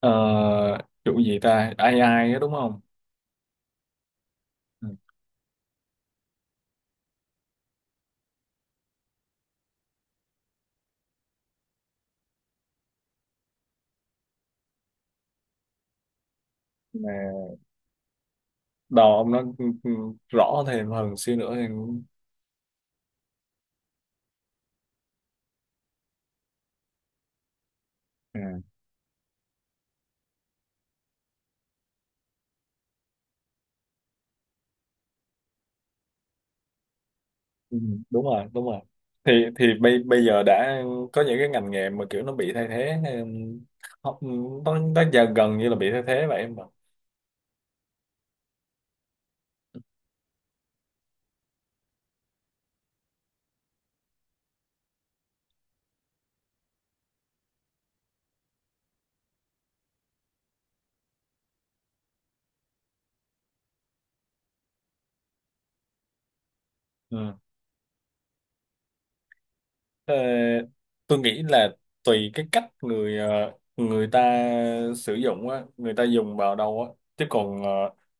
Ờ, chủ gì ta AI á, đúng không? Ừ. Mà đầu ông nó rõ thêm hơn xíu nữa thì. Ừ. Ừ, đúng rồi, đúng rồi. Thì bây bây giờ đã có những cái ngành nghề mà kiểu nó bị thay thế, nó giờ gần như là bị thay thế vậy em ạ. Ờ, tôi nghĩ là tùy cái cách người ta sử dụng á, người ta dùng vào đâu á. Chứ còn,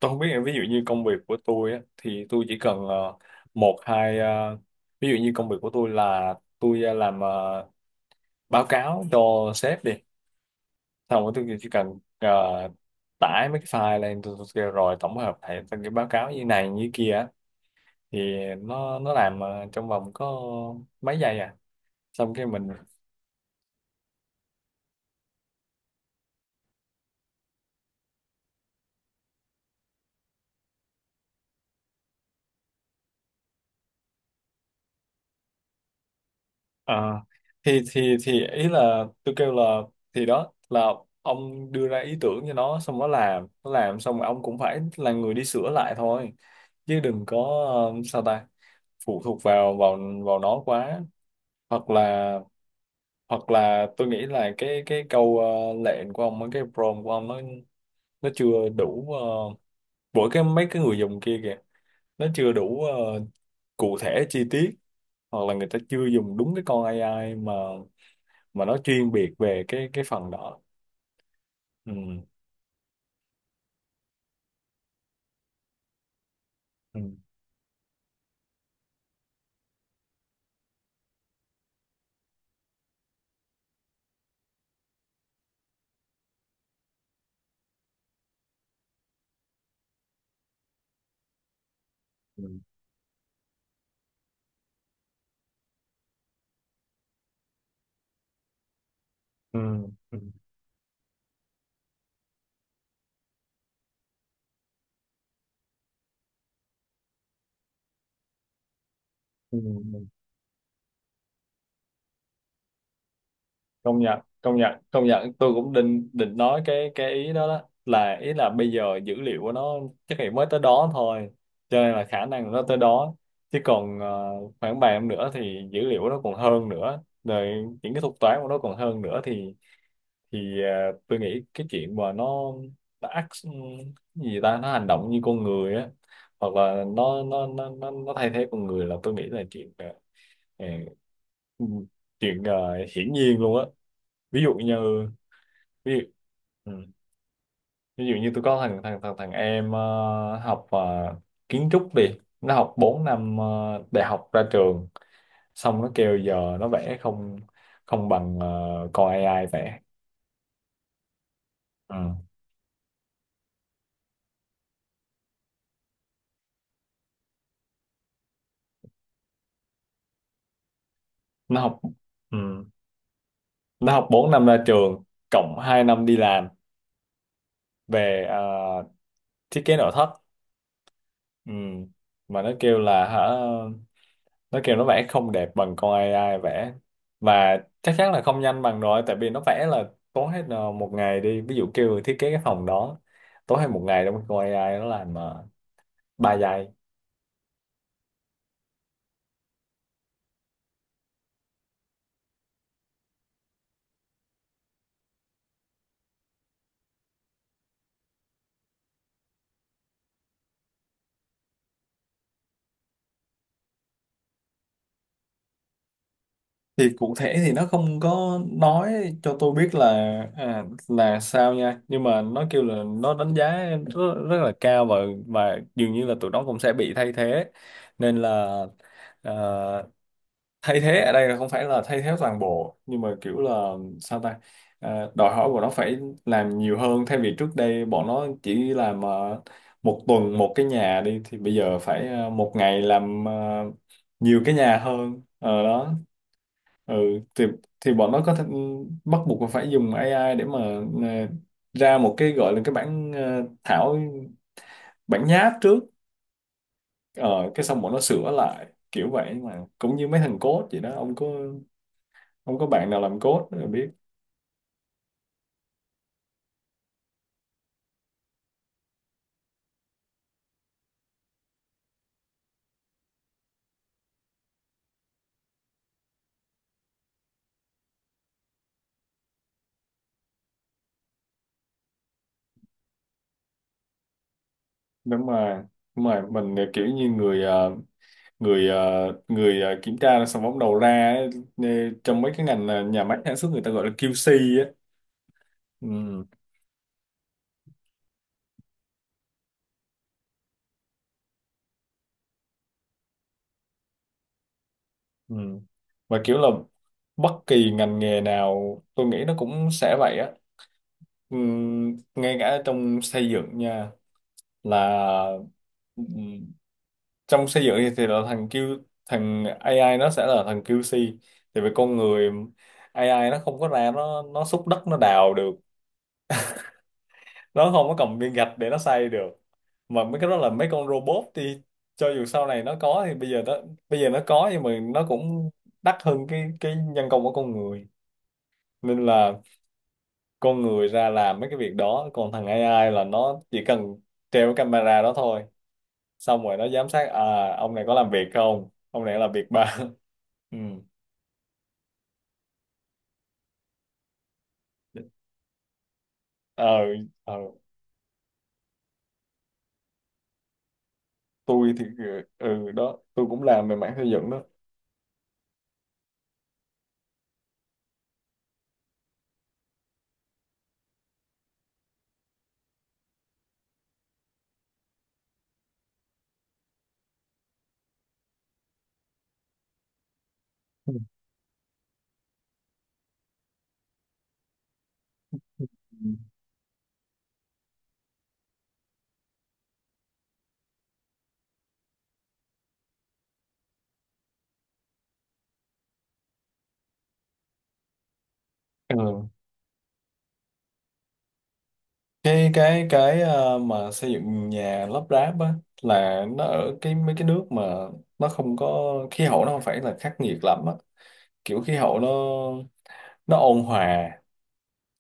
tôi không biết, ví dụ như công việc của tôi á, thì tôi chỉ cần, một hai, ví dụ như công việc của tôi là tôi làm, báo cáo cho sếp đi, xong rồi tôi chỉ cần tải mấy cái file lên, tôi kêu rồi tổng hợp lại thành cái báo cáo như này như kia á, thì nó làm trong vòng có mấy giây à, xong cái mình. À, thì ý là tôi kêu là thì đó là ông đưa ra ý tưởng cho nó, xong nó làm, nó làm xong rồi ông cũng phải là người đi sửa lại thôi, chứ đừng có sao ta, phụ thuộc vào vào vào nó quá, hoặc là hoặc là tôi nghĩ là cái câu lệnh của ông, cái prompt của ông nó chưa đủ, uh, mỗi cái mấy cái người dùng kia kìa, nó chưa đủ cụ thể chi tiết, hoặc là người ta chưa dùng đúng cái con AI mà nó chuyên biệt về cái phần đó. Ừ. Ừ. Ừ. Ừ. Ừ. Ừ. Công nhận, công nhận, công nhận, tôi cũng định định nói cái ý đó, đó là ý là bây giờ dữ liệu của nó chắc là mới tới đó thôi, cho nên là khả năng nó tới đó. Chứ còn khoảng vài năm nữa thì dữ liệu nó còn hơn nữa rồi, những cái thuật toán của nó còn hơn nữa thì tôi nghĩ cái chuyện mà nó act cái gì ta, nó hành động như con người á, hoặc là nó thay thế con người, là tôi nghĩ là à, ừ, chuyện à, hiển nhiên luôn á. ví dụ như ví dụ ừ, Ví dụ như tôi có thằng thằng thằng thằng em học kiến trúc đi, nó học 4 năm đại học ra trường, xong nó kêu giờ nó vẽ không không bằng con AI vẽ. Ừ. nó học Ừ. Nó học 4 năm ra trường, cộng 2 năm đi làm về thiết kế nội thất. Ừ. Mà nó kêu nó vẽ không đẹp bằng con AI vẽ, và chắc chắn là không nhanh bằng rồi, tại vì nó vẽ là tốn hết một ngày đi, ví dụ kêu thiết kế cái phòng đó, tốn hết một ngày đâu, con AI nó làm 3 giây. Thì cụ thể thì nó không có nói cho tôi biết là là sao nha, nhưng mà nó kêu là nó đánh giá rất, rất là cao, và dường như là tụi nó cũng sẽ bị thay thế, nên là à, thay thế ở đây là không phải là thay thế toàn bộ, nhưng mà kiểu là sao ta. À, đòi hỏi của nó phải làm nhiều hơn, thay vì trước đây bọn nó chỉ làm một tuần một cái nhà đi, thì bây giờ phải một ngày làm nhiều cái nhà hơn. Ờ, đó. ừ, thì thì bọn nó có thể bắt buộc là phải dùng AI để mà ờ, ra một cái gọi là cái bản thảo, bản nháp trước. Ờ, cái xong bọn nó sửa lại kiểu vậy, mà cũng như mấy thằng code vậy đó, ông có bạn nào làm code rồi biết. Đúng mà, đúng rồi, mình kiểu như người ờ, người kiểm tra, xong bắt đầu ra ấy, ờ, trong mấy cái ngành nhà máy sản xuất người ta gọi là QC á. Ừ. Ừ. Và kiểu là bất kỳ ngành nghề nào tôi nghĩ nó cũng sẽ vậy á. Ngay cả trong xây dựng nha, là ừm, trong xây dựng thì là thằng AI nó sẽ là thằng QC. Thì về con người, AI nó không có ra, nó xúc đất nó đào được, nó không có cầm viên gạch để nó xây được, mà mấy cái đó là mấy con robot thì cho dù sau này nó có, thì bây giờ nó có nhưng mà nó cũng đắt hơn cái nhân công của con người, nên là con người ra làm mấy cái việc đó, còn thằng AI là nó chỉ cần treo cái camera đó thôi, xong rồi nó giám sát, ông này có làm việc không, ông này làm việc ba. Ừ. ờ ờ, tôi thì đó, tôi cũng làm về mảng xây dựng đó. Ừ. Ừ. Mà xây dựng nhà lắp ráp á, là nó ở cái mấy cái nước mà nó không có khí hậu, nó không phải là khắc nghiệt lắm á, kiểu khí hậu nó ôn hòa,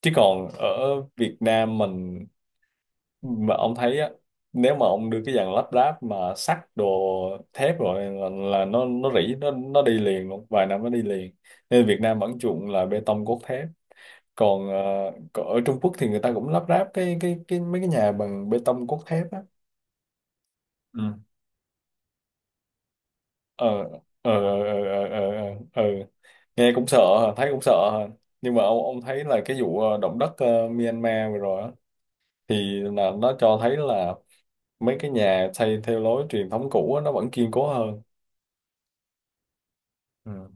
chứ còn ở Việt Nam mình mà ông thấy á, nếu mà ông đưa cái dàn lắp ráp mà sắt đồ thép rồi là nó rỉ, nó đi liền luôn, vài năm nó đi liền, nên Việt Nam vẫn chuộng là bê tông cốt thép. Còn, còn ở Trung Quốc thì người ta cũng lắp ráp cái mấy cái nhà bằng bê tông cốt thép á. Ừ. ờ ờ ờ ờ ờ ờ, ờ. ừ. Nghe cũng sợ hả? Thấy cũng sợ hả? Nhưng mà ông thấy là cái vụ động đất Myanmar vừa rồi á, thì là nó cho thấy là mấy cái nhà xây theo lối truyền thống cũ á, nó vẫn kiên cố hơn. Ừ.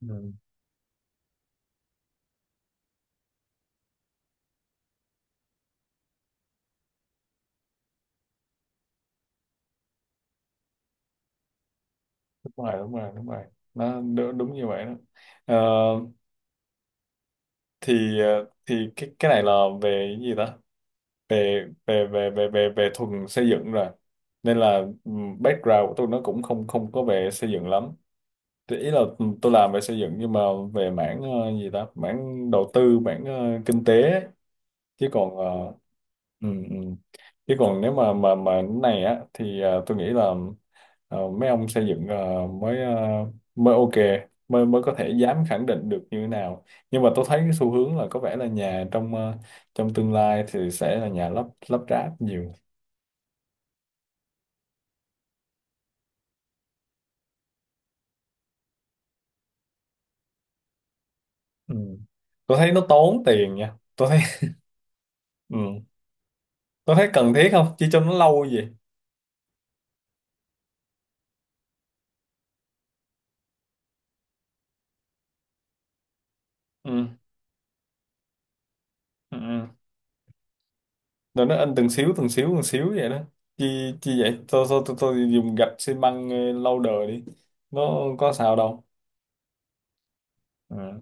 Ừ. Đúng rồi, đúng rồi, đúng rồi, nó đúng, đúng như vậy đó. Ờ, thì cái này là về cái gì ta, về về về về về về thuần xây dựng rồi, nên là background của tôi nó cũng không không có về xây dựng lắm. Thì ý là tôi làm về xây dựng nhưng mà về mảng gì ta, mảng đầu tư, mảng kinh tế ấy. chứ còn ờ, ừ, ừ. Chứ còn nếu mà cái này á thì tôi nghĩ là mấy ông xây dựng mới ok, mới mới có thể dám khẳng định được như thế nào. Nhưng mà tôi thấy cái xu hướng là có vẻ là nhà trong trong tương lai thì sẽ là nhà lắp lắp ráp nhiều. Ừ. Tôi thấy nó tốn tiền nha, tôi thấy. Ừ. Tôi thấy cần thiết không, chỉ cho nó lâu gì. Ừ. Ừ. Ừ. Rồi nó in từng xíu từng xíu từng xíu vậy đó, chi chi vậy, tôi dùng gạch xi măng lâu đời đi, nó có sao đâu. Ừ.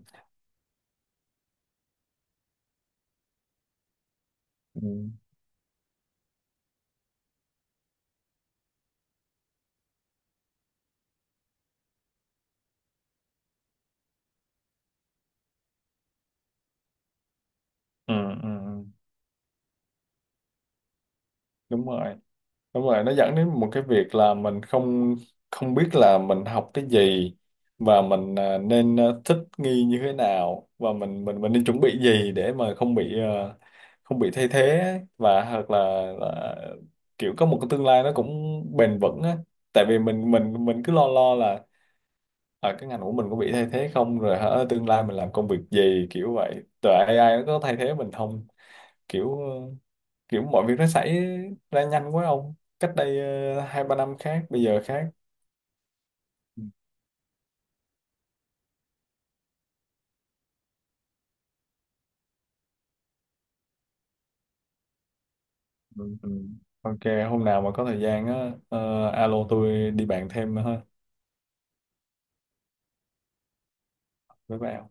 Ừ, ừ, ừ, ừ. Đúng rồi, đúng rồi, nó dẫn đến một cái việc là mình không không biết là mình học cái gì, và mình nên thích nghi như thế nào, và mình nên chuẩn bị gì để mà không bị không bị thay thế ấy, và hoặc là, là kiểu có một cái tương lai nó cũng bền vững á, tại vì mình cứ lo lo là cái ngành của mình có bị thay thế không, rồi hả tương lai mình làm công việc gì kiểu vậy, rồi AI nó có thay thế mình không, kiểu kiểu mọi việc nó xảy ra nhanh quá ông, cách đây 2-3 năm khác, bây giờ khác. Ừ, ừ. Ừ. Ok hôm nào mà có thời gian á, alo tôi đi bàn thêm nữa ha với bạn.